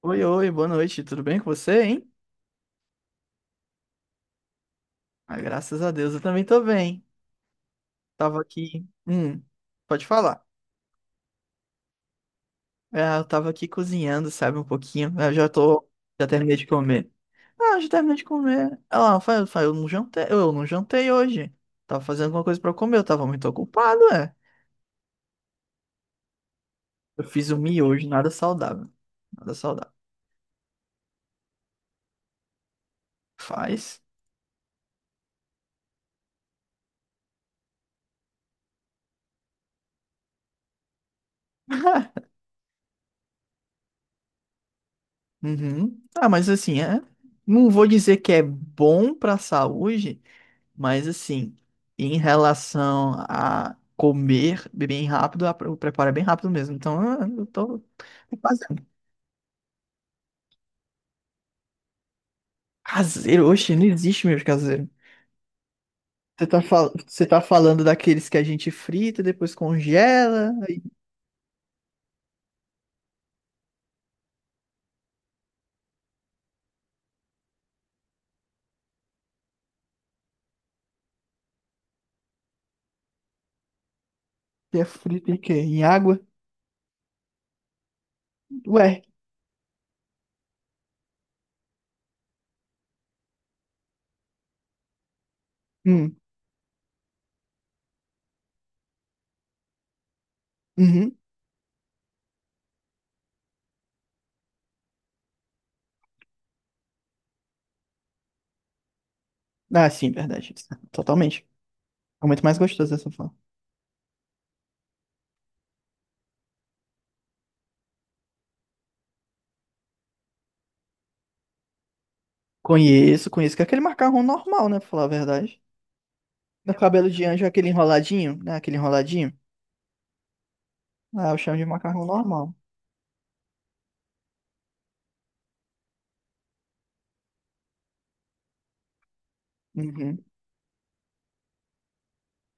Oi, boa noite, tudo bem com você, hein? Ah, graças a Deus, eu também tô bem. Tava aqui. Pode falar. É, eu tava aqui cozinhando, sabe, um pouquinho. Eu já tô. Já terminei de comer. Ah, já terminei de comer. Ah, eu não jantei hoje. Tava fazendo alguma coisa pra eu comer, eu tava muito ocupado, é. Eu fiz um miojo, nada saudável. Nada saudável. Faz. Uhum. Ah, mas assim, é. Não vou dizer que é bom pra saúde. Mas assim, em relação a comer bem rápido, o preparo é bem rápido mesmo. Então, ah, eu tô é quase caseiro. Oxe, não existe mesmo caseiro. Você tá, Você tá falando daqueles que a gente frita, depois congela, aí que é frito em quê? Em água? Ué. Hum. Uhum. Ah, sim, verdade. Totalmente. É muito mais gostoso dessa forma. Conheço, conheço, que é aquele macarrão normal, né, pra falar a verdade. No cabelo de anjo, é aquele enroladinho, né, aquele enroladinho. Ah, eu chamo de macarrão normal. Uhum.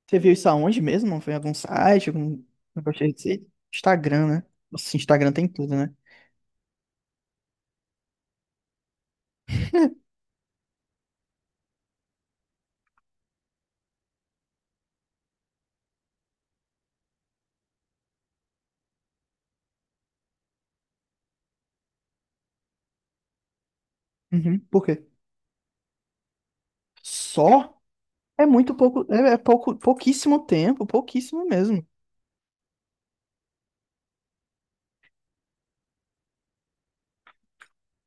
Você viu isso aonde mesmo? Não foi em algum site, algum negócio de receita? Instagram, né? Nossa, Instagram tem tudo, né? Uhum. Por quê? Só? É muito pouco, é, é pouco, pouquíssimo tempo, pouquíssimo mesmo.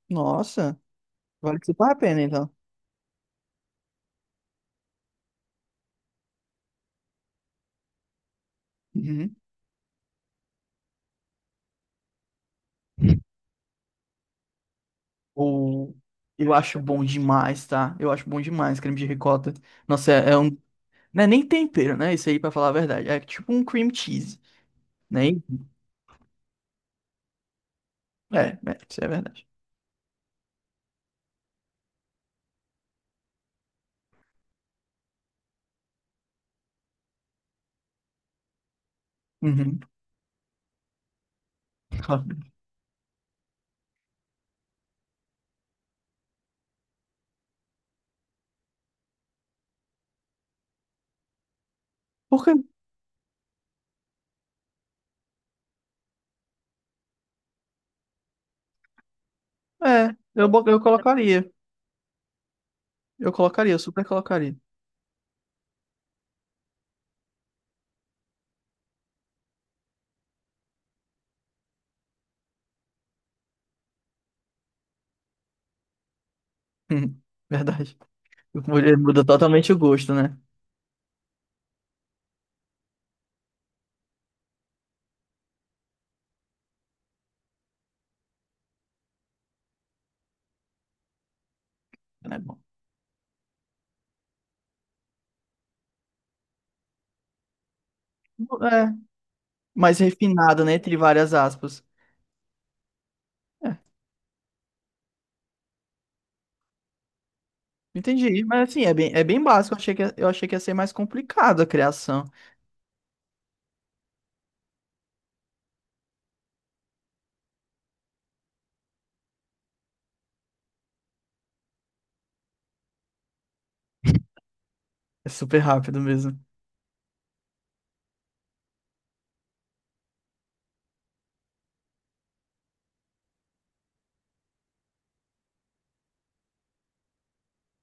Nossa, vale super a pena, então. Uhum. Ou eu acho bom demais, tá? Eu acho bom demais creme de ricota. Nossa, é, é um. Não é nem tempero, né? Isso aí, pra falar a verdade. É tipo um cream cheese, né? É, é, isso é verdade. Uhum. Por quê? É, eu, eu colocaria. Eu colocaria, eu super colocaria. Verdade. Mulher muda totalmente o gosto, né? É, bom. É, mais refinado, né? Entre várias aspas. É, entendi. Mas assim, é bem básico. Eu achei que ia ser mais complicado a criação. É super rápido mesmo.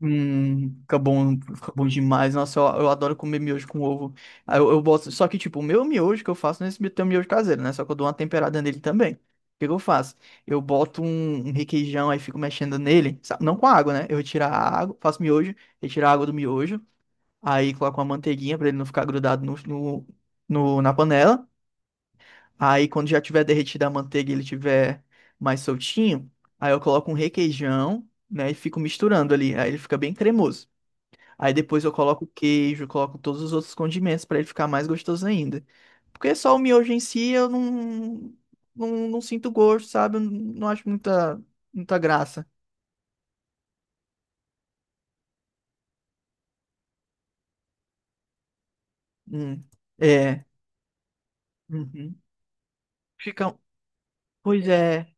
Fica bom demais. Nossa, eu adoro comer miojo com ovo. Aí eu boto, só que, tipo, o meu miojo que eu faço nesse é esse tem um miojo caseiro, né? Só que eu dou uma temperada nele também. O que que eu faço? Eu boto um, um requeijão, aí fico mexendo nele, não com água, né? Eu retiro a água, faço miojo, retiro a água do miojo, aí coloco uma manteiguinha pra ele não ficar grudado na panela. Aí quando já tiver derretida a manteiga e ele tiver mais soltinho, aí eu coloco um requeijão, né? E fico misturando ali, aí ele fica bem cremoso. Aí depois eu coloco queijo, coloco todos os outros condimentos pra ele ficar mais gostoso ainda. Porque só o miojo em si eu não, não sinto gosto, sabe? Eu não acho muita, muita graça. Hum, É. Uhum. Fica. Pois é.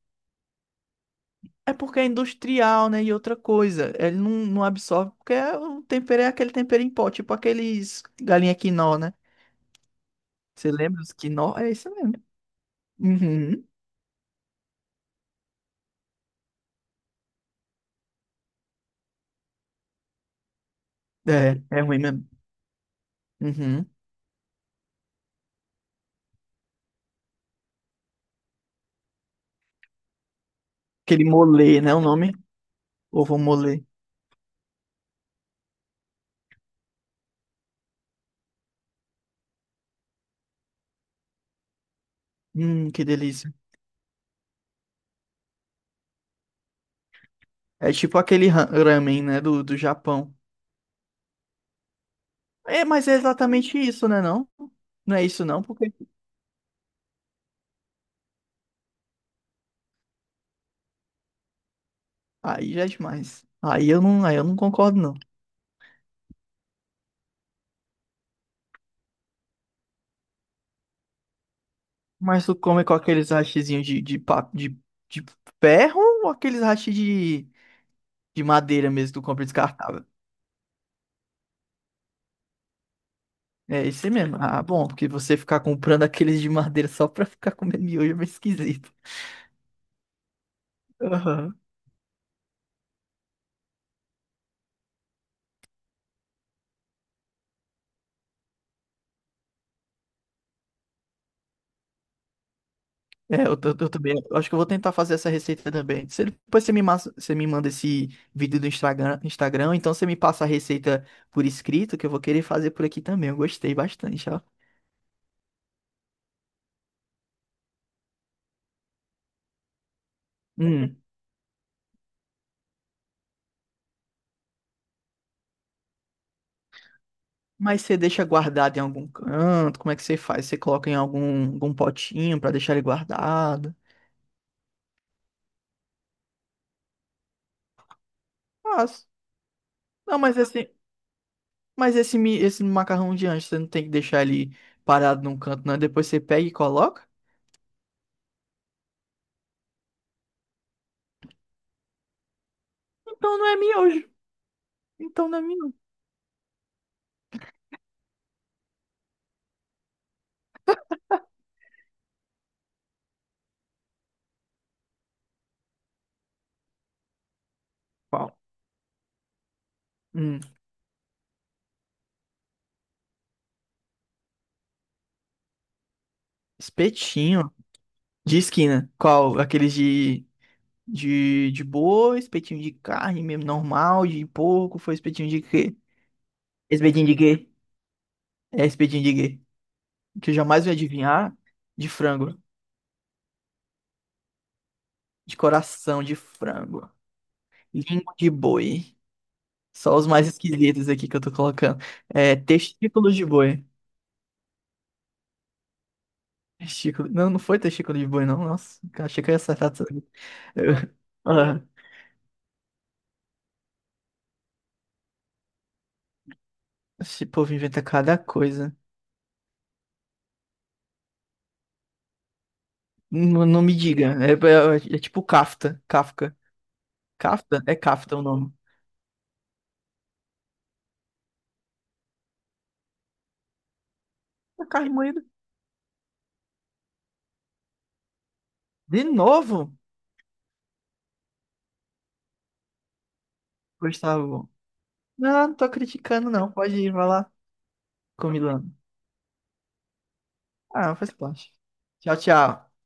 É porque é industrial, né? E outra coisa, ele não, não absorve, o tempero é aquele tempero em pó, tipo aqueles galinha quinó, né? Você lembra os quinó? É isso mesmo. Uhum. É, é ruim mesmo. Uhum. Aquele molê, né? O nome? Ovo molê. Que delícia. É tipo aquele ramen, né, do, do Japão. É, mas é exatamente isso, né, não? Não é isso não, porque aí já é demais. Aí eu não concordo não. Mas tu come com aqueles hashizinhos de, de ferro ou aqueles hashi de madeira mesmo, que tu compra descartável? É esse mesmo. Ah, bom, porque você ficar comprando aqueles de madeira só pra ficar comendo miojo é meio esquisito. Aham. É, eu, eu também. Eu acho que eu vou tentar fazer essa receita também. Se depois você me, você me manda esse vídeo do Instagram, Instagram, então você me passa a receita por escrito, que eu vou querer fazer por aqui também. Eu gostei bastante, ó. Hum. Mas você deixa guardado em algum canto? Como é que você faz? Você coloca em algum, algum potinho pra deixar ele guardado? Faço. Não, mas esse, esse macarrão de anjo, você não tem que deixar ele parado num canto, não. Depois você pega e coloca? Então não é miojo. Então não é miojo. Qual? Hum. Espetinho. De esquina. Qual? Aqueles de, de boa, espetinho de carne mesmo, normal, de porco, foi espetinho de quê? Espetinho de quê? É espetinho de quê? Que eu jamais ia adivinhar. De frango. De coração de frango. Língua de boi. Só os mais esquisitos aqui que eu tô colocando. É, testículo de boi. Testículo. Não, não foi testículo de boi, não. Nossa, achei que eu ia acertar tudo. Eu- Ah, esse povo inventa cada coisa. Não, não me diga. É, é tipo Kafka. Kafka. Kafta? É Kafta o nome. É carne moída. De novo, Gustavo? Não, não tô criticando, não. Pode ir, vai lá. Comilando. Ah, faz parte. Tchau, tchau.